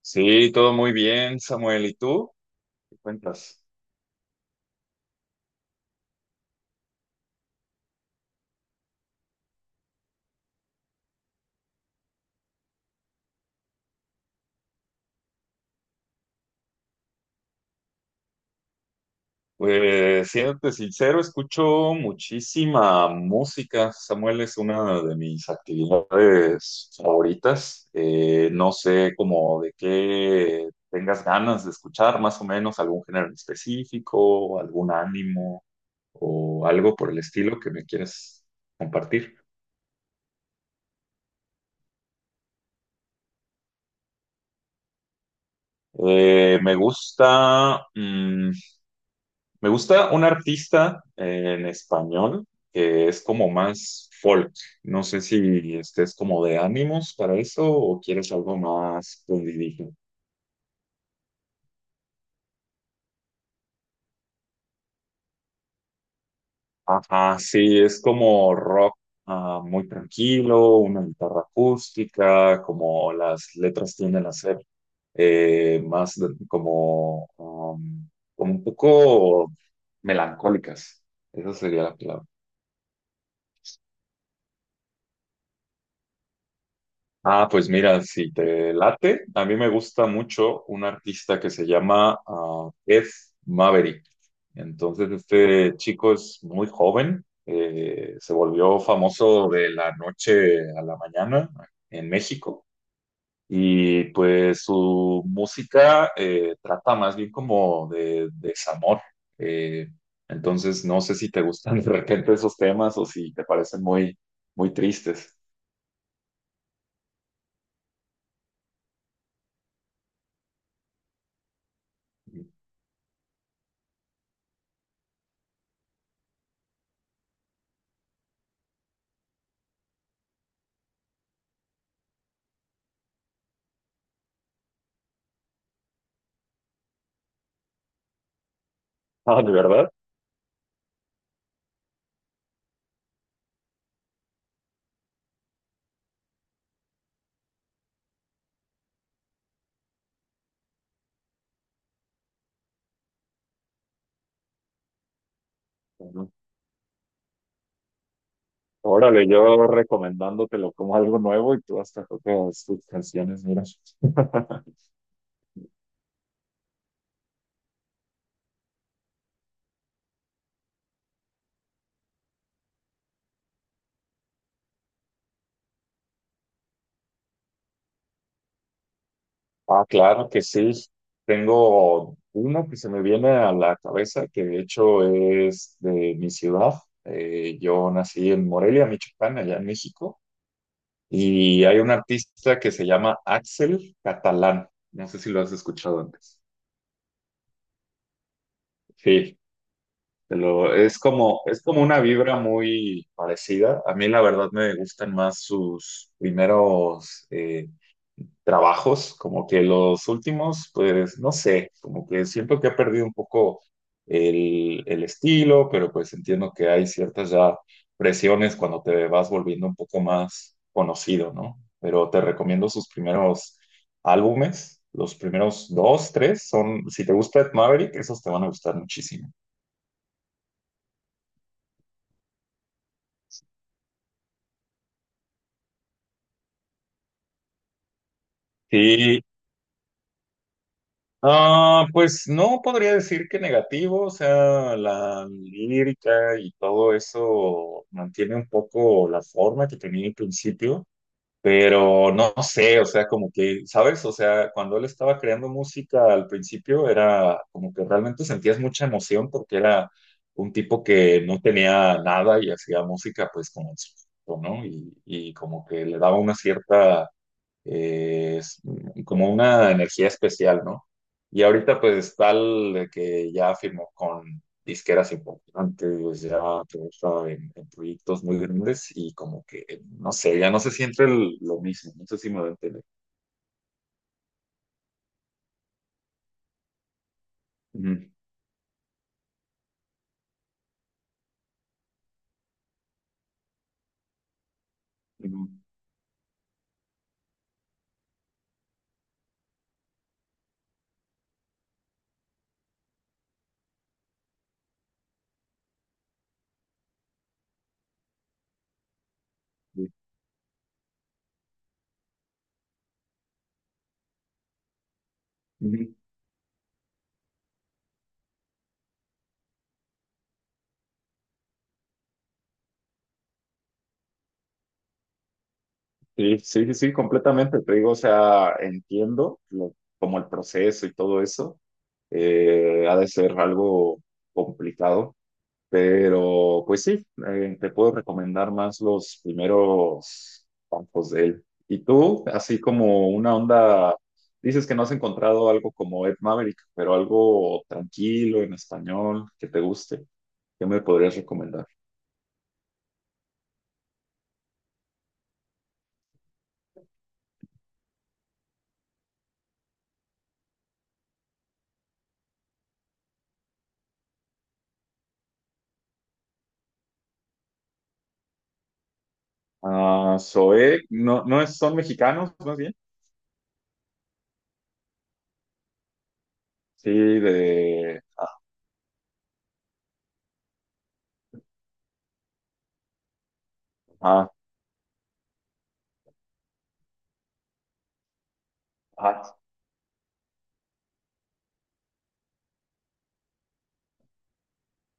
Sí, todo muy bien, Samuel. ¿Y tú? ¿Qué cuentas? Pues, siéndote sincero, escucho muchísima música. Samuel es una de mis actividades favoritas. No sé cómo de qué tengas ganas de escuchar, más o menos, algún género en específico, algún ánimo o algo por el estilo que me quieres compartir. Me gusta. Me gusta un artista en español que es como más folk. No sé si estés como de ánimos para eso o quieres algo más pondidito. Ajá, sí, es como rock, muy tranquilo, una guitarra acústica, como las letras tienden a ser como, como un poco melancólicas. Esa sería la palabra. Ah, pues mira, si te late, a mí me gusta mucho un artista que se llama, Ed Maverick. Entonces, este chico es muy joven, se volvió famoso de la noche a la mañana en México, y pues su música trata más bien como de desamor. Eh, entonces, no sé si te gustan de repente esos temas o si te parecen muy, muy tristes. Ah, ¿de verdad? Órale, yo recomendándotelo como algo nuevo y tú hasta tocas tus canciones, mira. Ah, claro que sí. Tengo uno que se me viene a la cabeza, que de hecho es de mi ciudad. Yo nací en Morelia, Michoacán, allá en México, y hay un artista que se llama Axel Catalán. No sé si lo has escuchado antes. Sí. Pero es como una vibra muy parecida. A mí la verdad me gustan más sus primeros trabajos, como que los últimos, pues no sé, como que siento que ha perdido un poco el estilo, pero pues entiendo que hay ciertas ya presiones cuando te vas volviendo un poco más conocido, ¿no? Pero te recomiendo sus primeros álbumes, los primeros dos, tres, son, si te gusta Ed Maverick, esos te van a gustar muchísimo. Sí, ah, pues no podría decir que negativo, o sea, la lírica y todo eso mantiene un poco la forma que tenía al principio, pero no sé, o sea, como que, ¿sabes? O sea, cuando él estaba creando música al principio era como que realmente sentías mucha emoción porque era un tipo que no tenía nada y hacía música pues como en su, ¿no? Y como que le daba una cierta, es como una energía especial, ¿no? Y ahorita pues tal de que ya firmó con disqueras importantes, ya trabaja en proyectos muy grandes y como que, no sé, ya no se siente lo mismo, no sé si me voy a entender. Ujú, ujú, sí, ujú. Sí, sí, sí, completamente, te digo, o sea, entiendo como el proceso y todo eso, ha de ser algo complicado. Pero, pues sí, te puedo recomendar más los primeros campos de él. Y tú, así como una onda, dices que no has encontrado algo como Ed Maverick, pero algo tranquilo en español que te guste. ¿Qué me podrías recomendar? Ah, Zoé, no, son mexicanos, más bien. Sí, de. Ajá.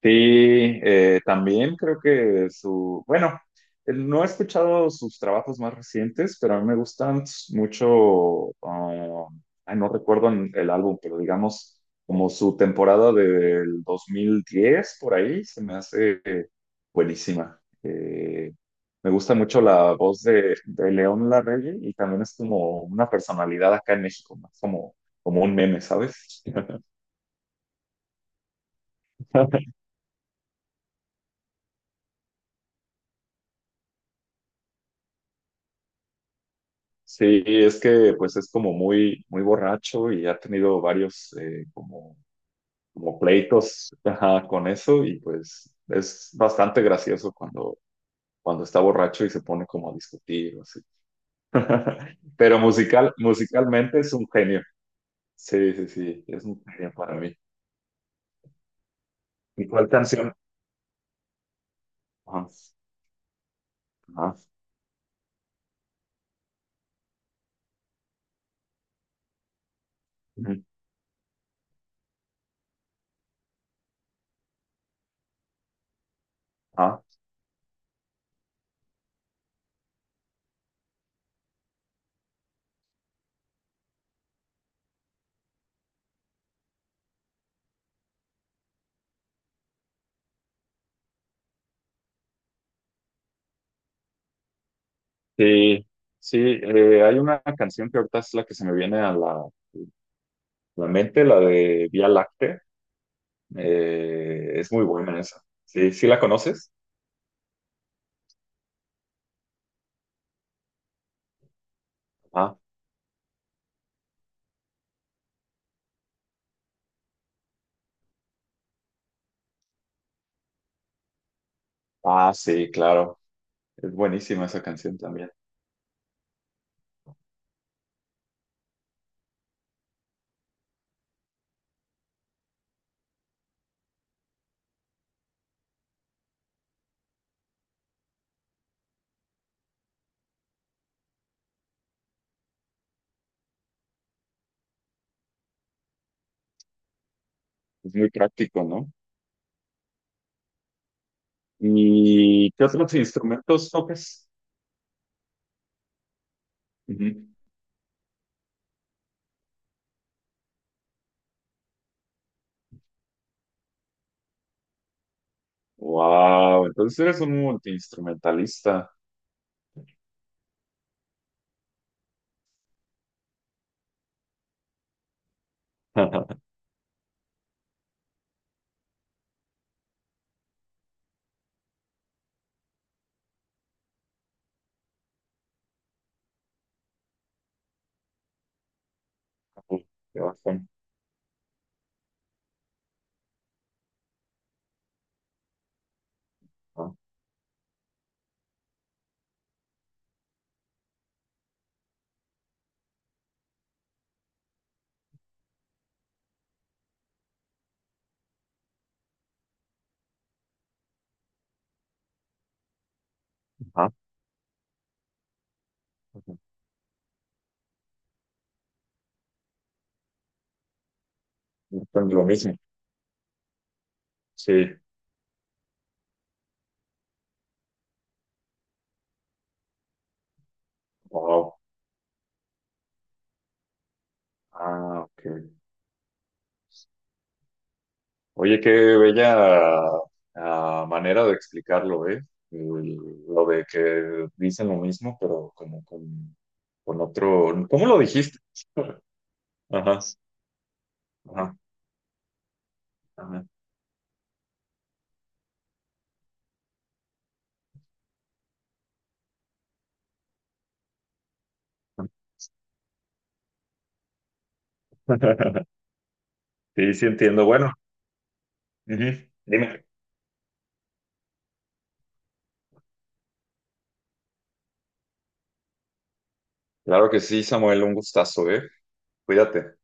Sí, también creo que su, bueno, no he escuchado sus trabajos más recientes, pero a mí me gustan mucho, ay, no recuerdo el álbum, pero digamos como su temporada del 2010 por ahí, se me hace buenísima. Me gusta mucho la voz de, León Larregui, y también es como una personalidad acá en México, más como, como un meme, ¿sabes? Sí, es que pues es como muy, muy borracho y ha tenido varios, como pleitos, ajá, con eso, y pues es bastante gracioso cuando está borracho y se pone como a discutir o así. Pero musicalmente es un genio. Sí, sí, sí, es un genio para mí. ¿Y cuál canción? Ajá, ajá, ujú, ajá. Sí, sí, hay una canción que ahorita es la que se me viene a la mente, la de Vía Láctea. Es muy buena esa. Sí, ¿sí la conoces? Ah, ah, sí, claro. Es buenísima esa canción también. Es muy práctico, ¿no? ¿Y qué otros instrumentos tocas? Wow, entonces eres un multiinstrumentalista. Uy, qué bastante. Ah, ajá, ajá. Bastante lo mismo. Sí. Wow. Ah, ok. Oye, qué bella, manera de explicarlo, ¿eh? El- lo de que dicen lo mismo, pero como con otro... ¿Cómo lo dijiste? Ajá, ajá, ajá. Sí, sí entiendo. Bueno, ujú, dime. Claro que sí, Samuel, un gustazo, ¿eh? Cuídate.